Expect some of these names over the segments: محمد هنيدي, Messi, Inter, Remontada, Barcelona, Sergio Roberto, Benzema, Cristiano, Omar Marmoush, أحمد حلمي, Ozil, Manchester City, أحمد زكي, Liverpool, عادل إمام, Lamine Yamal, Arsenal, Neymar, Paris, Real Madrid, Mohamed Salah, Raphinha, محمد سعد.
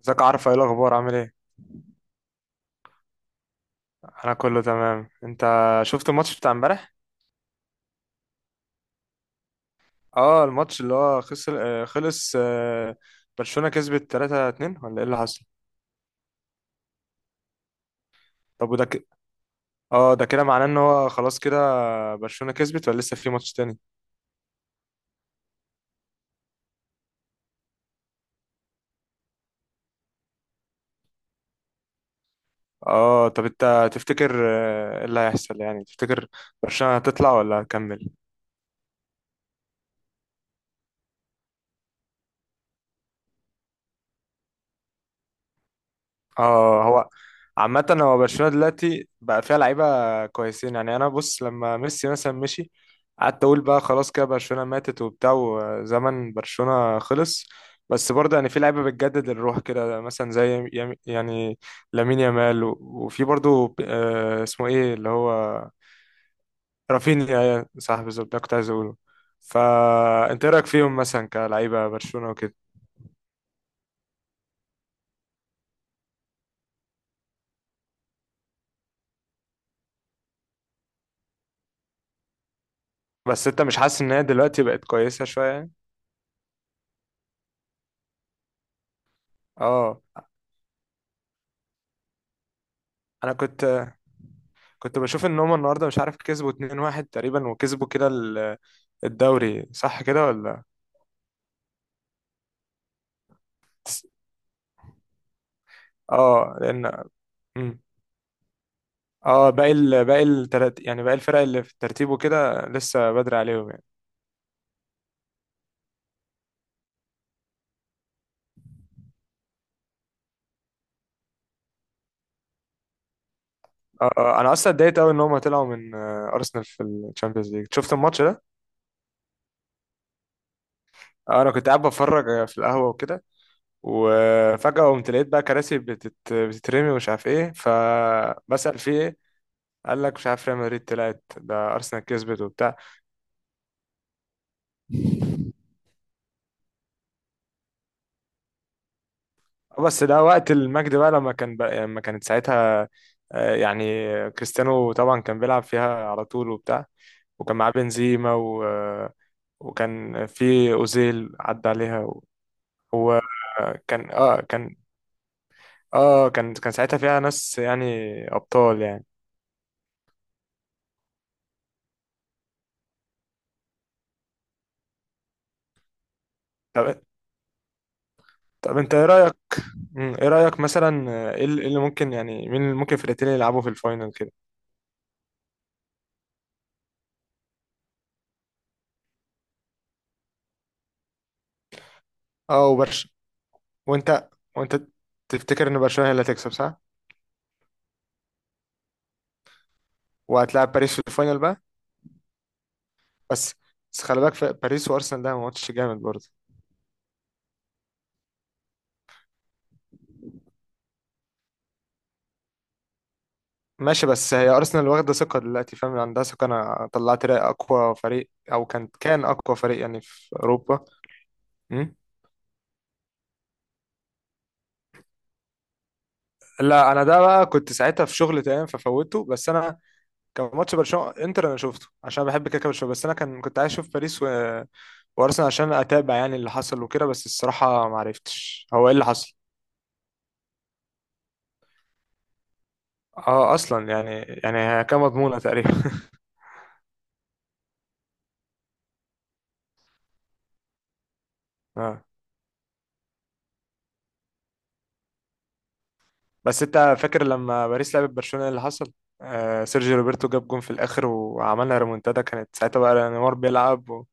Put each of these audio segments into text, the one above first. ازيك؟ عارف ايه الاخبار؟ عامل ايه؟ انا كله تمام. انت شفت الماتش بتاع امبارح؟ اه الماتش اللي هو خسر خلص برشلونة كسبت 3-2 ولا ايه اللي حصل؟ طب وده ك... اه ده كده معناه ان هو خلاص كده برشلونة كسبت ولا لسه في ماتش تاني؟ اه طب انت تفتكر ايه اللي هيحصل يعني؟ تفتكر برشلونة هتطلع ولا هتكمل؟ اه هو عامة هو برشلونة دلوقتي بقى فيها لعيبة كويسين، يعني أنا بص لما ميسي مثلا مشي قعدت أقول بقى خلاص كده برشلونة ماتت وبتاع وزمن برشلونة خلص. بس برضه يعني في لعيبة بتجدد الروح كده، مثلا يعني لامين يامال وفي برضه اسمه إيه اللي هو؟ رافينيا، صح بالظبط ده كنت عايز أقوله. فأنت إيه رأيك فيهم مثلا كلعيبة برشلونة وكده؟ بس أنت مش حاسس إن هي دلوقتي بقت كويسة شوية يعني؟ اه انا كنت بشوف ان هم النهارده مش عارف كسبوا 2-1 تقريبا، وكسبوا كده الدوري، صح كده ولا؟ اه لان مم. اه باقي التلات، يعني باقي الفرق اللي في الترتيب وكده لسه بدري عليهم يعني. انا اصلا اتضايقت قوي ان هم طلعوا من ارسنال في الشامبيونز ليج. شفت الماتش ده؟ انا كنت قاعد بتفرج في القهوه وكده، وفجاه قمت لقيت بقى كراسي بتترمي ومش عارف ايه، فبسأل في ايه؟ قال لك مش عارف ريال مدريد طلعت ده ارسنال كسبت. وبتاع بس ده وقت المجد بقى لما كان لما كانت ساعتها، يعني كريستيانو طبعا كان بيلعب فيها على طول وبتاع، وكان معاه بنزيما و وكان في أوزيل عدى عليها هو آه، كان اه كان اه كان كان ساعتها فيها ناس، يعني أبطال يعني. طب طب انت ايه رأيك؟ ايه رأيك مثلا؟ آه، ايه اللي إيه اللي ممكن يعني مين اللي ممكن فرقتين اللي يلعبوا في الفاينل كده؟ اه وبرشلونة. وانت وانت تفتكر ان برشلونة هي اللي هتكسب، صح؟ وهتلاعب باريس في الفاينل بقى؟ بس بس خلي بالك في باريس وارسنال، ده ماتش جامد برضه. ماشي بس هي ارسنال واخده ثقه دلوقتي، فاهم؟ يعني عندها ثقه. انا طلعت رأي اقوى فريق، او كان اقوى فريق يعني في اوروبا. أمم. لا انا ده بقى كنت ساعتها في شغل تمام ففوته، بس انا كان ماتش برشلونه انتر انا شفته عشان بحب كده كده برشلونه، بس انا كنت عايز اشوف باريس وارسنال عشان اتابع يعني اللي حصل وكده، بس الصراحه ما عرفتش هو ايه اللي حصل. اه اصلا يعني، يعني هي كان مضمونه تقريبا. آه. بس انت فاكر لما باريس لعبت برشلونة إيه اللي حصل؟ آه سيرجيو روبرتو جاب جون في الاخر وعملنا ريمونتادا، كانت ساعتها بقى نيمار بيلعب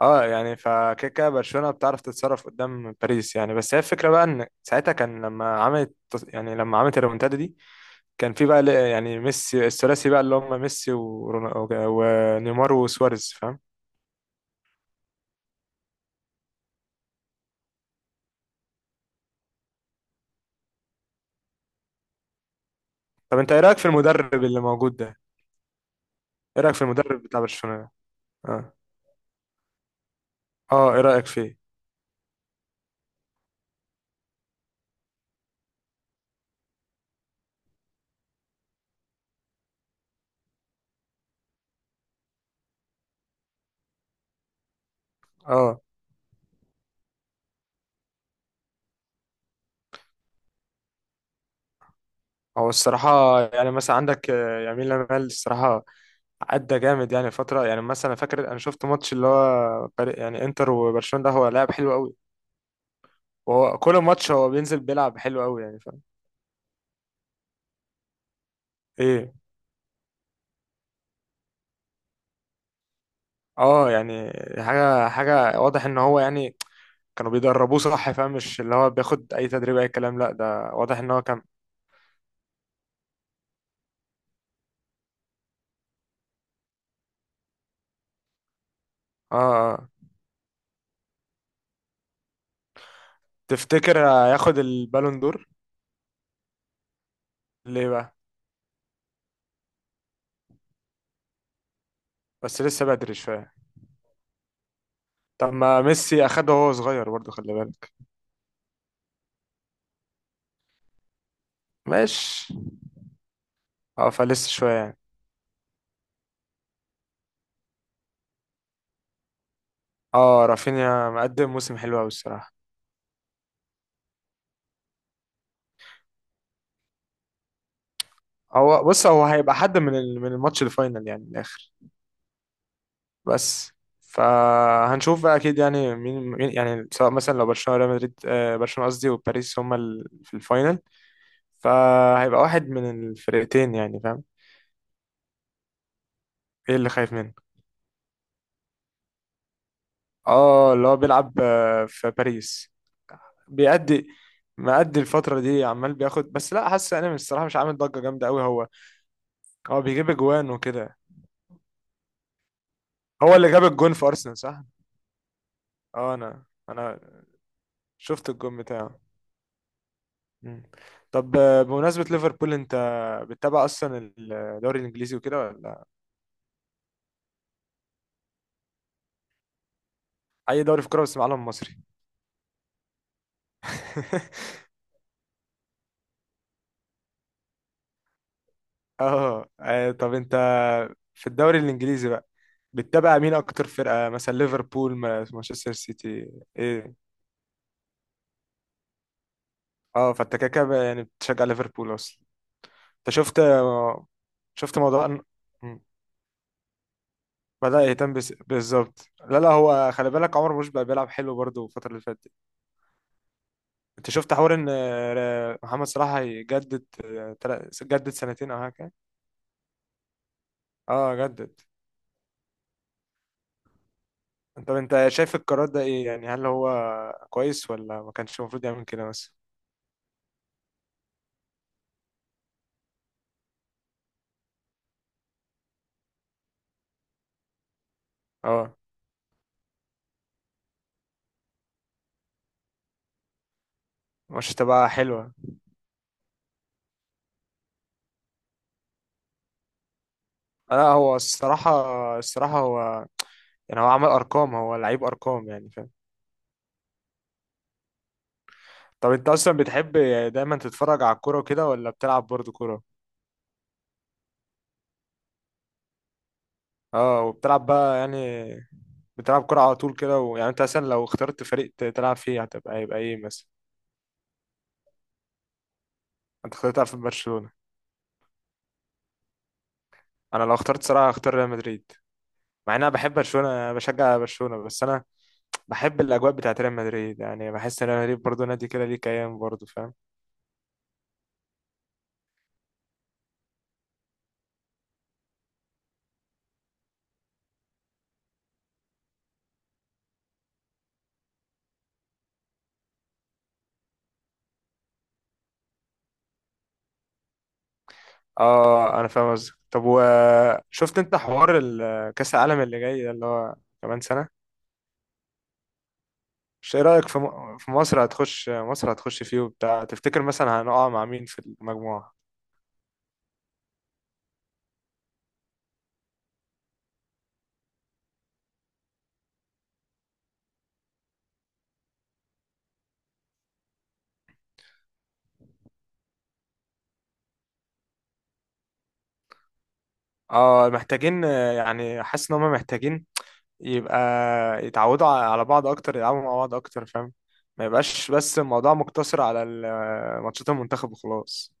اه يعني فكده كده برشلونة بتعرف تتصرف قدام باريس يعني، بس هي الفكرة بقى ان ساعتها كان لما عملت، يعني لما عملت الريمونتادا دي كان في بقى يعني ميسي الثلاثي بقى اللي هم ميسي ونيمار وسواريز، فاهم؟ طب انت ايه رأيك في المدرب اللي موجود ده؟ ايه رأيك في المدرب بتاع برشلونة؟ اه اه ايه رأيك فيه؟ اه هو الصراحة يعني مثلا عندك يمين لامال، الصراحة أدى جامد يعني فترة، يعني مثلا فاكر أنا شفت ماتش اللي هو فريق يعني إنتر وبرشلونة، ده هو لاعب حلو أوي. وهو كل ماتش هو بينزل بيلعب حلو أوي يعني، فاهم؟ إيه أه يعني حاجة حاجة واضح إن هو يعني كانوا بيدربوه، صح فاهم؟ مش اللي هو بياخد أي تدريب أي كلام، لأ ده واضح إن هو كان أه. أه تفتكر هياخد البالون دور؟ ليه بقى؟ بس لسه بدري شوية. طب ما ميسي أخده وهو صغير برضه خلي بالك. ماشي اه فلسه شويه يعني. اه رافينيا مقدم موسم حلو قوي الصراحه. هو بص هو هيبقى حد من من الماتش الفاينل يعني من الاخر. بس فهنشوف بقى اكيد يعني مين يعني، سواء مثلا لو برشلونه ريال مدريد آه برشلونه قصدي وباريس هما في الفاينل، فهيبقى واحد من الفرقتين يعني، فاهم؟ ايه اللي خايف منه؟ اه اللي هو بيلعب في باريس. بيأدي مأدي الفترة دي عمال بياخد، بس لا حاسس انا من الصراحة مش عامل ضجة جامدة قوي هو. هو بيجيب اجوان وكده. هو اللي جاب الجون في ارسنال، صح؟ اه انا شفت الجون بتاعه. مم. طب بمناسبة ليفربول انت بتتابع اصلا الدوري الانجليزي وكده ولا؟ اي دوري في كوره بس معلم مصري. اه طب انت في الدوري الانجليزي بقى بتتابع مين اكتر فرقة، مثلا ليفربول مانشستر سيتي؟ ايه اه فانت كده كده بقى يعني بتشجع ليفربول اصلا. انت شفت شفت موضوع بدأ يهتم بالظبط. لا لا هو خلي بالك عمر مرموش بقى بيلعب حلو برضه الفترة اللي فاتت دي. انت شفت حوار ان محمد صلاح هيجدد جدد سنتين او حاجة؟ اه جدد. انت شايف القرار ده ايه يعني؟ هل هو كويس ولا ما كانش المفروض يعمل كده مثلا؟ اه مش تبقى حلوة. لا هو الصراحة، الصراحة هو يعني هو عمل ارقام، هو لعيب ارقام يعني، فاهم؟ طب انت اصلا بتحب دايما تتفرج على الكورة وكده، ولا بتلعب برضه كورة؟ اه وبتلعب بقى يعني؟ بتلعب كرة على طول كده؟ ويعني انت مثلا لو اخترت فريق تلعب فيه هتبقى هيبقى ايه مثلا؟ انت اخترت تلعب في برشلونة. انا لو اخترت صراحة هختار ريال مدريد، مع ان انا بحب برشلونة، أنا بشجع برشلونة، بس انا بحب الاجواء بتاعت ريال مدريد يعني، بحس ان ريال مدريد برضه نادي كده ليه كيان برضه، فاهم؟ اه انا فاهم قصدك. طب وشفت انت حوار كأس العالم اللي جاي ده اللي هو كمان سنة؟ مش ايه رأيك في في مصر هتخش؟ مصر هتخش فيه وبتاع؟ تفتكر مثلا هنقع مع مين في المجموعة؟ اه محتاجين، يعني حاسس ان هم محتاجين يبقى يتعودوا على بعض اكتر، يلعبوا مع بعض اكتر فاهم؟ ما يبقاش بس الموضوع مقتصر على ماتشات المنتخب وخلاص.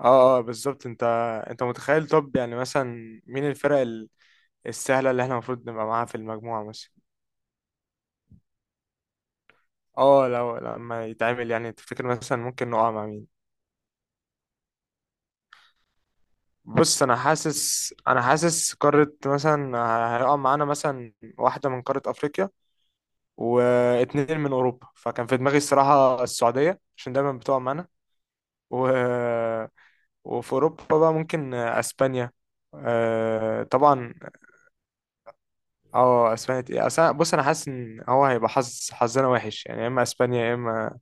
اه اه بالظبط. انت متخيل طب يعني مثلا مين السهلة اللي احنا المفروض نبقى معاها في المجموعة مثلا؟ اه لو لما يتعمل يعني تفتكر مثلا ممكن نقع مع مين؟ بص انا حاسس، انا حاسس قارة مثلا هيقع معانا مثلا واحدة من قارة افريقيا واتنين من اوروبا. فكان في دماغي الصراحة السعودية عشان دايما بتقع معانا. و... وفي اوروبا بقى ممكن اسبانيا. طبعا اه اسبانيا تقيلة. بص انا حاسس ان هو هيبقى حظنا وحش يعني، يا اما اسبانيا يا اما.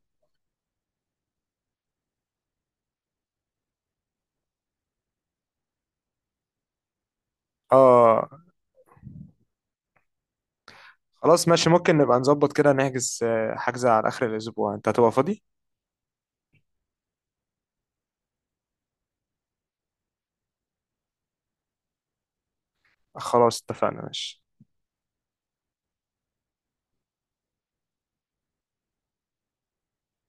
اه خلاص ماشي، ممكن نبقى نظبط كده نحجز، حجز على اخر الاسبوع انت هتبقى فاضي؟ خلاص اتفقنا ماشي.